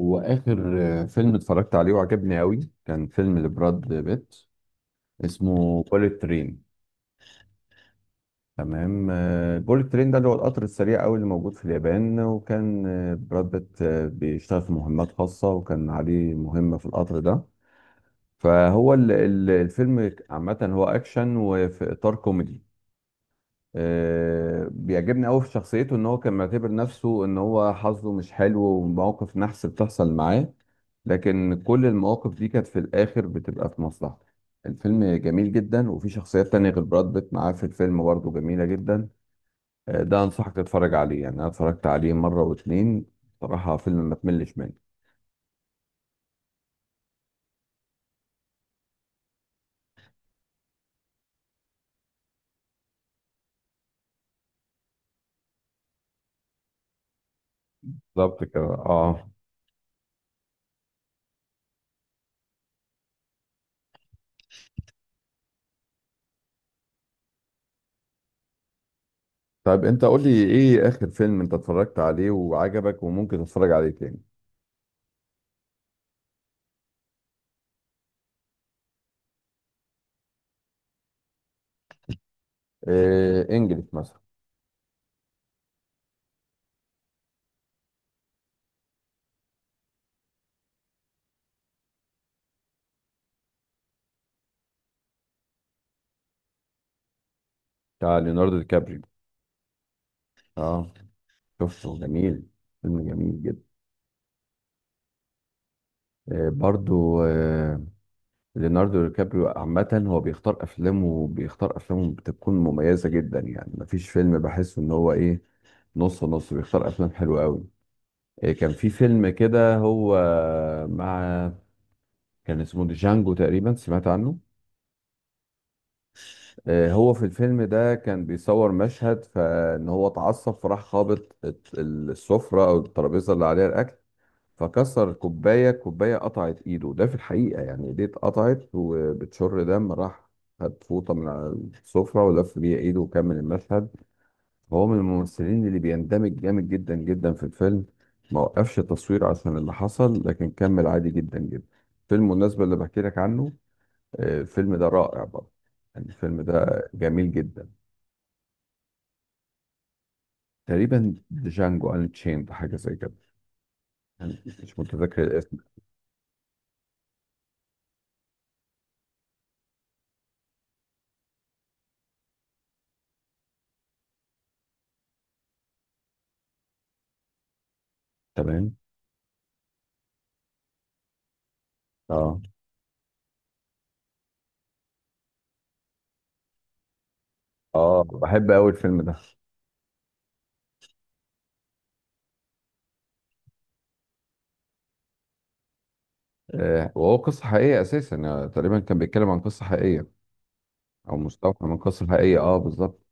هو آخر فيلم اتفرجت عليه وعجبني أوي كان فيلم لبراد بيت اسمه بوليت ترين. تمام. بوليت ترين ده اللي هو القطر السريع أوي اللي موجود في اليابان، وكان براد بيت بيشتغل في مهمات خاصة وكان عليه مهمة في القطر ده. فهو الفيلم عامة هو أكشن وفي إطار كوميدي. بيعجبني قوي في شخصيته ان هو كان معتبر نفسه ان هو حظه مش حلو ومواقف نحس بتحصل معاه، لكن كل المواقف دي كانت في الاخر بتبقى في مصلحته. الفيلم جميل جدا، وفي شخصيات تانية غير براد بيت معاه في الفيلم برضه جميلة جدا. ده انصحك تتفرج عليه، يعني انا اتفرجت عليه مرة واتنين، بصراحة فيلم ما تملش منه. بالظبط كده اه. طيب انت قول لي ايه اخر فيلم انت اتفرجت عليه وعجبك وممكن تتفرج عليه تاني؟ انجلش مثلا. بتاع ليوناردو دي كابريو. اه. شفته، جميل. فيلم جميل جدا. آه، برضو آه. ليوناردو ديكابريو عامة هو بيختار أفلامه بتكون مميزة جدا، يعني مفيش فيلم بحس إن هو إيه، نص نص، بيختار أفلام حلوة أوي. آه، كان في فيلم كده هو مع، كان اسمه جانجو تقريبا، سمعت عنه؟ آه، هو في الفيلم ده كان بيصور مشهد فإن هو اتعصب فراح خابط السفرة أو الترابيزة اللي عليها الأكل، فكسر كوباية، كوباية قطعت ايده. ده في الحقيقة يعني ايديه اتقطعت وبتشر دم، راح خد فوطة من على السفرة ولف بيها ايده وكمل المشهد. هو من الممثلين اللي بيندمج جامد جدا جدا في الفيلم، ما وقفش التصوير عشان اللي حصل لكن كمل عادي جدا جدا. فيلم المناسبة اللي بحكي لك عنه. الفيلم ده رائع برضه، يعني الفيلم ده جميل جدا. تقريبا جانجو انشيند حاجة زي كده، يعني مش متذكر الاسم. تمام. اه. اه، بحب قوي الفيلم ده. وهو قصة حقيقية أساسا، يعني تقريبا كان بيتكلم عن قصة حقيقية، أو مستوحى من قصة حقيقية أه، بالظبط.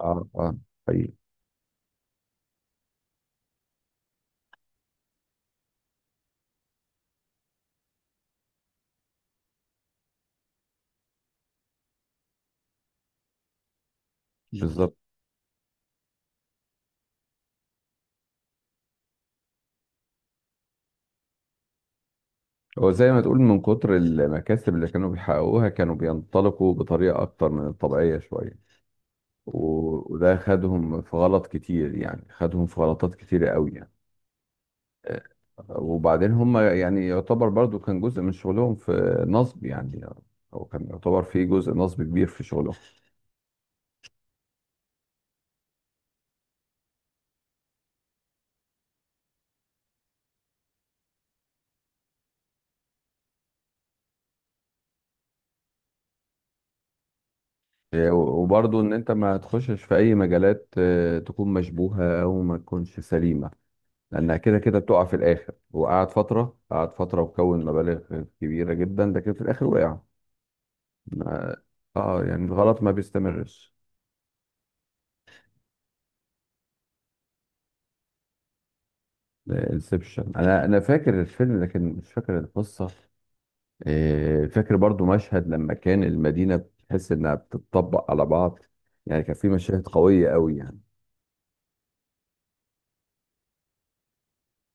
أه أه. حقيقي. بالظبط. هو زي ما تقول من كتر المكاسب اللي كانوا بيحققوها كانوا بينطلقوا بطريقة أكتر من الطبيعية شوية. وده خدهم في غلط كتير، يعني خدهم في غلطات كتيرة قوي يعني. آه، وبعدين هم يعني يعتبر برضو كان جزء من شغلهم في نصب يعني، هو كان يعتبر في جزء نصب كبير في شغلهم. آه، وبرضه ان انت ما تخشش في اي مجالات تكون مشبوهة او ما تكونش سليمة، لانها كده كده بتقع في الاخر. وقعد فترة قعد فترة وكون مبالغ كبيرة جدا، لكن في الاخر وقع. ما- اه يعني الغلط ما بيستمرش. انسبشن، انا فاكر الفيلم لكن مش فاكر القصة. آه، فاكر برضو مشهد لما كان المدينة بتحس انها بتطبق على بعض، يعني كان في مشاهد قوية قوي يعني.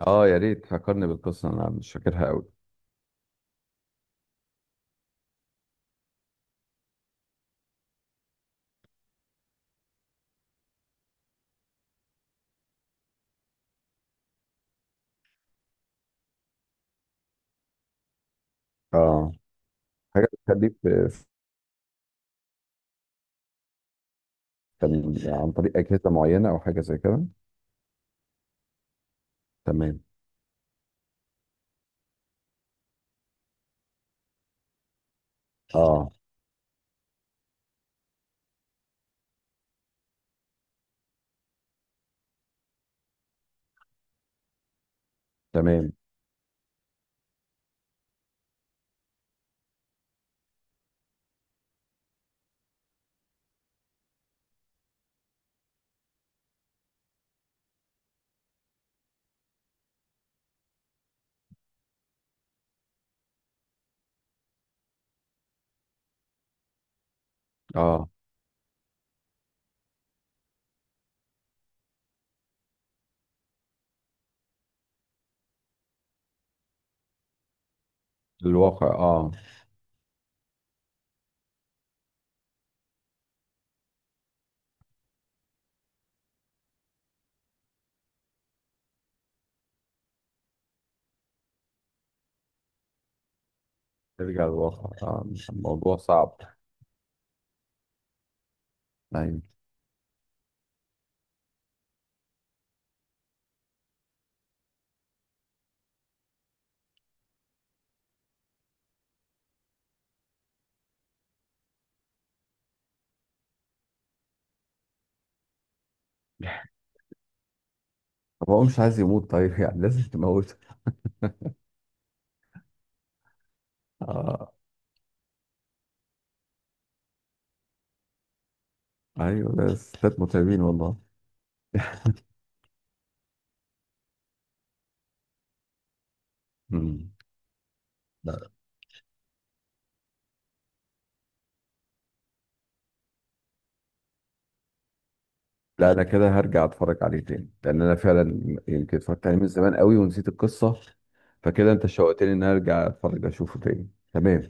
اه يا ريت فكرني بالقصة، انا مش فاكرها قوي. اه، حاجه بتخليك في، عن طريق اجهزه معينه او حاجه زي كده. تمام. اه. تمام. اه. الواقع اه. ترجع للواقع اه، الموضوع صعب. ايوه. طب هو مش عايز يموت طيب يعني لازم تموته؟ اه. ايوه، ده ستات متعبين والله. مم. لا، لا انا كده هرجع اتفرج عليه تاني، لان انا فعلا يمكن اتفرجت عليه من زمان قوي ونسيت القصه. فكده انت شوقتني ان أنا ارجع اتفرج اشوفه تاني، تمام.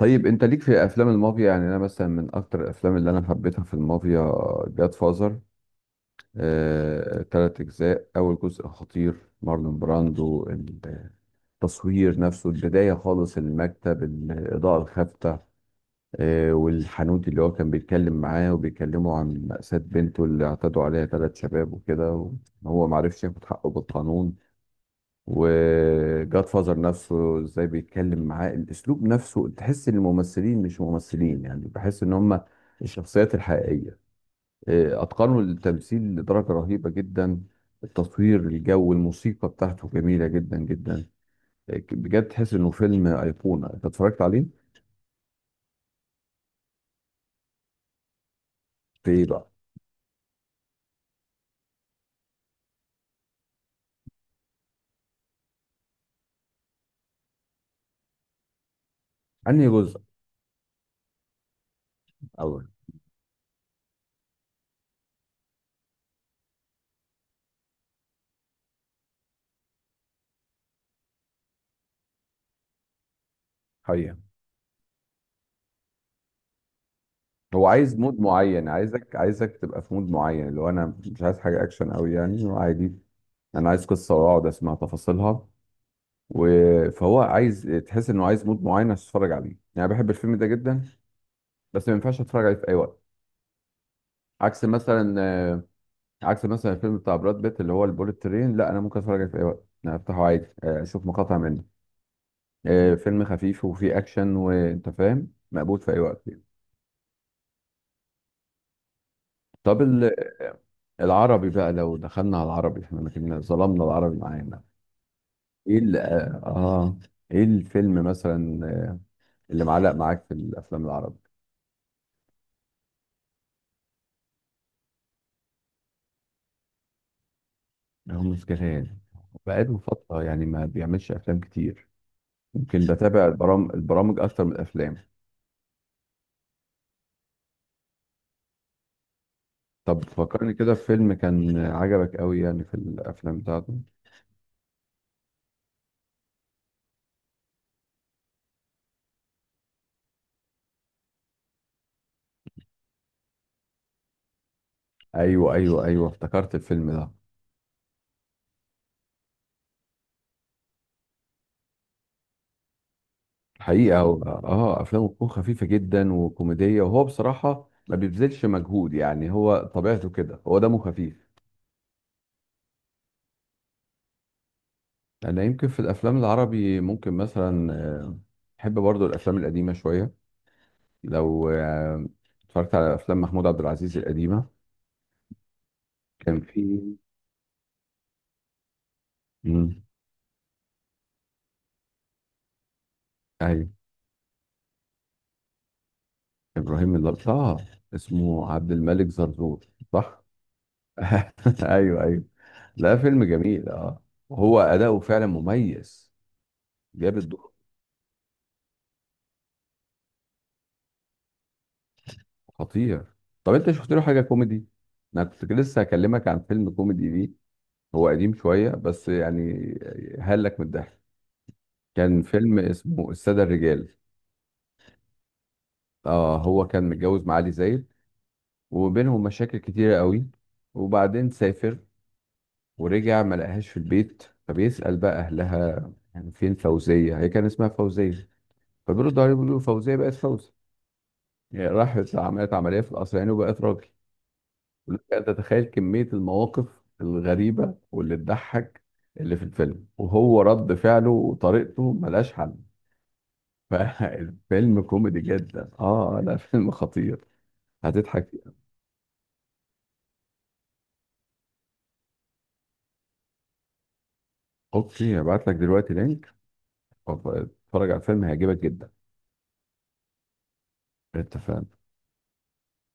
طيب انت ليك في افلام المافيا؟ يعني انا مثلا من اكتر الافلام اللي انا حبيتها في المافيا، جاد فازر. تلات اجزاء، اول جزء خطير. مارلون براندو. التصوير نفسه، البدايه خالص، المكتب، الاضاءه الخافتة. والحانوت اللي هو كان بيتكلم معاه، وبيكلموا عن مأساة بنته اللي اعتدوا عليها ثلاث شباب وكده، وهو معرفش ياخد حقه بالقانون. وجاد فازر نفسه ازاي بيتكلم معاه، الاسلوب نفسه، تحس ان الممثلين مش ممثلين، يعني بحس ان هم الشخصيات الحقيقيه. إيه، اتقنوا التمثيل لدرجه رهيبه جدا. التصوير، الجو، الموسيقى بتاعته جميله جدا جدا. إيه، بجد تحس انه فيلم ايقونه انت اتفرجت عليه. في ايه بقى؟ انهي جزء؟ اول. حقيقه. هو عايز مود معين، عايزك تبقى في مود معين، اللي هو انا مش عايز حاجه اكشن قوي يعني، عادي، انا عايز قصه واقعد اسمع تفاصيلها. فهو عايز تحس انه عايز مود معين عشان تتفرج عليه، يعني بحب الفيلم ده جدا بس ما ينفعش اتفرج عليه في اي وقت. عكس مثلا عكس مثلا الفيلم بتاع براد بيت اللي هو البوليت ترين، لا انا ممكن اتفرج عليه في اي وقت، انا افتحه عادي، اشوف مقاطع منه. فيلم خفيف وفيه اكشن وانت فاهم، مقبول في اي وقت يعني. طب العربي بقى، لو دخلنا على العربي، احنا ما كنا ظلمنا العربي معانا. ايه ايه الفيلم مثلا اللي معلق معاك في الافلام العربية؟ رامز جلال. بقاله فترة يعني ما بيعملش أفلام كتير، يمكن بتابع البرامج أكتر من الأفلام. طب فكرني كده في فيلم كان عجبك أوي يعني في الأفلام بتاعته. أيوه أيوه أيوه، افتكرت الفيلم ده. حقيقة هو آه، أفلامه بتكون خفيفة جدا وكوميدية، وهو بصراحة ما بيبذلش مجهود، يعني هو طبيعته كده، هو دمه خفيف. أنا يمكن في الأفلام العربي ممكن مثلا آه، بحب برضو الأفلام القديمة شوية، لو اتفرجت على أفلام محمود عبد العزيز القديمة. كان في. مم. ايوه. ابراهيم اه، اسمه عبد الملك زرزور، صح؟ ايوه ايوه. لا، فيلم جميل اه، وهو اداؤه فعلا مميز. جاب الدور. خطير. طب انت شفت له حاجه كوميدي؟ انا كنت لسه هكلمك عن فيلم كوميدي ليه، هو قديم شويه بس يعني هلك من الضحك. كان فيلم اسمه الساده الرجال. اه، هو كان متجوز معالي زايد وبينهم مشاكل كتيره قوي، وبعدين سافر ورجع ما لقاهاش في البيت، فبيسأل بقى أهلها يعني فين فوزية، هي كان اسمها فوزية. فبيردوا عليه بيقولوا له فوزية بقت فوزي، يعني راحت عملت عملية في القصرين وبقت راجل. ولك أن تتخيل كمية المواقف الغريبة واللي تضحك اللي في الفيلم، وهو رد فعله وطريقته ملهاش حل. فالفيلم كوميدي جدا اه، لا فيلم خطير، هتضحك فيه. اوكي، هبعت لك دلوقتي لينك، اتفرج على الفيلم هيعجبك جدا. اتفقنا.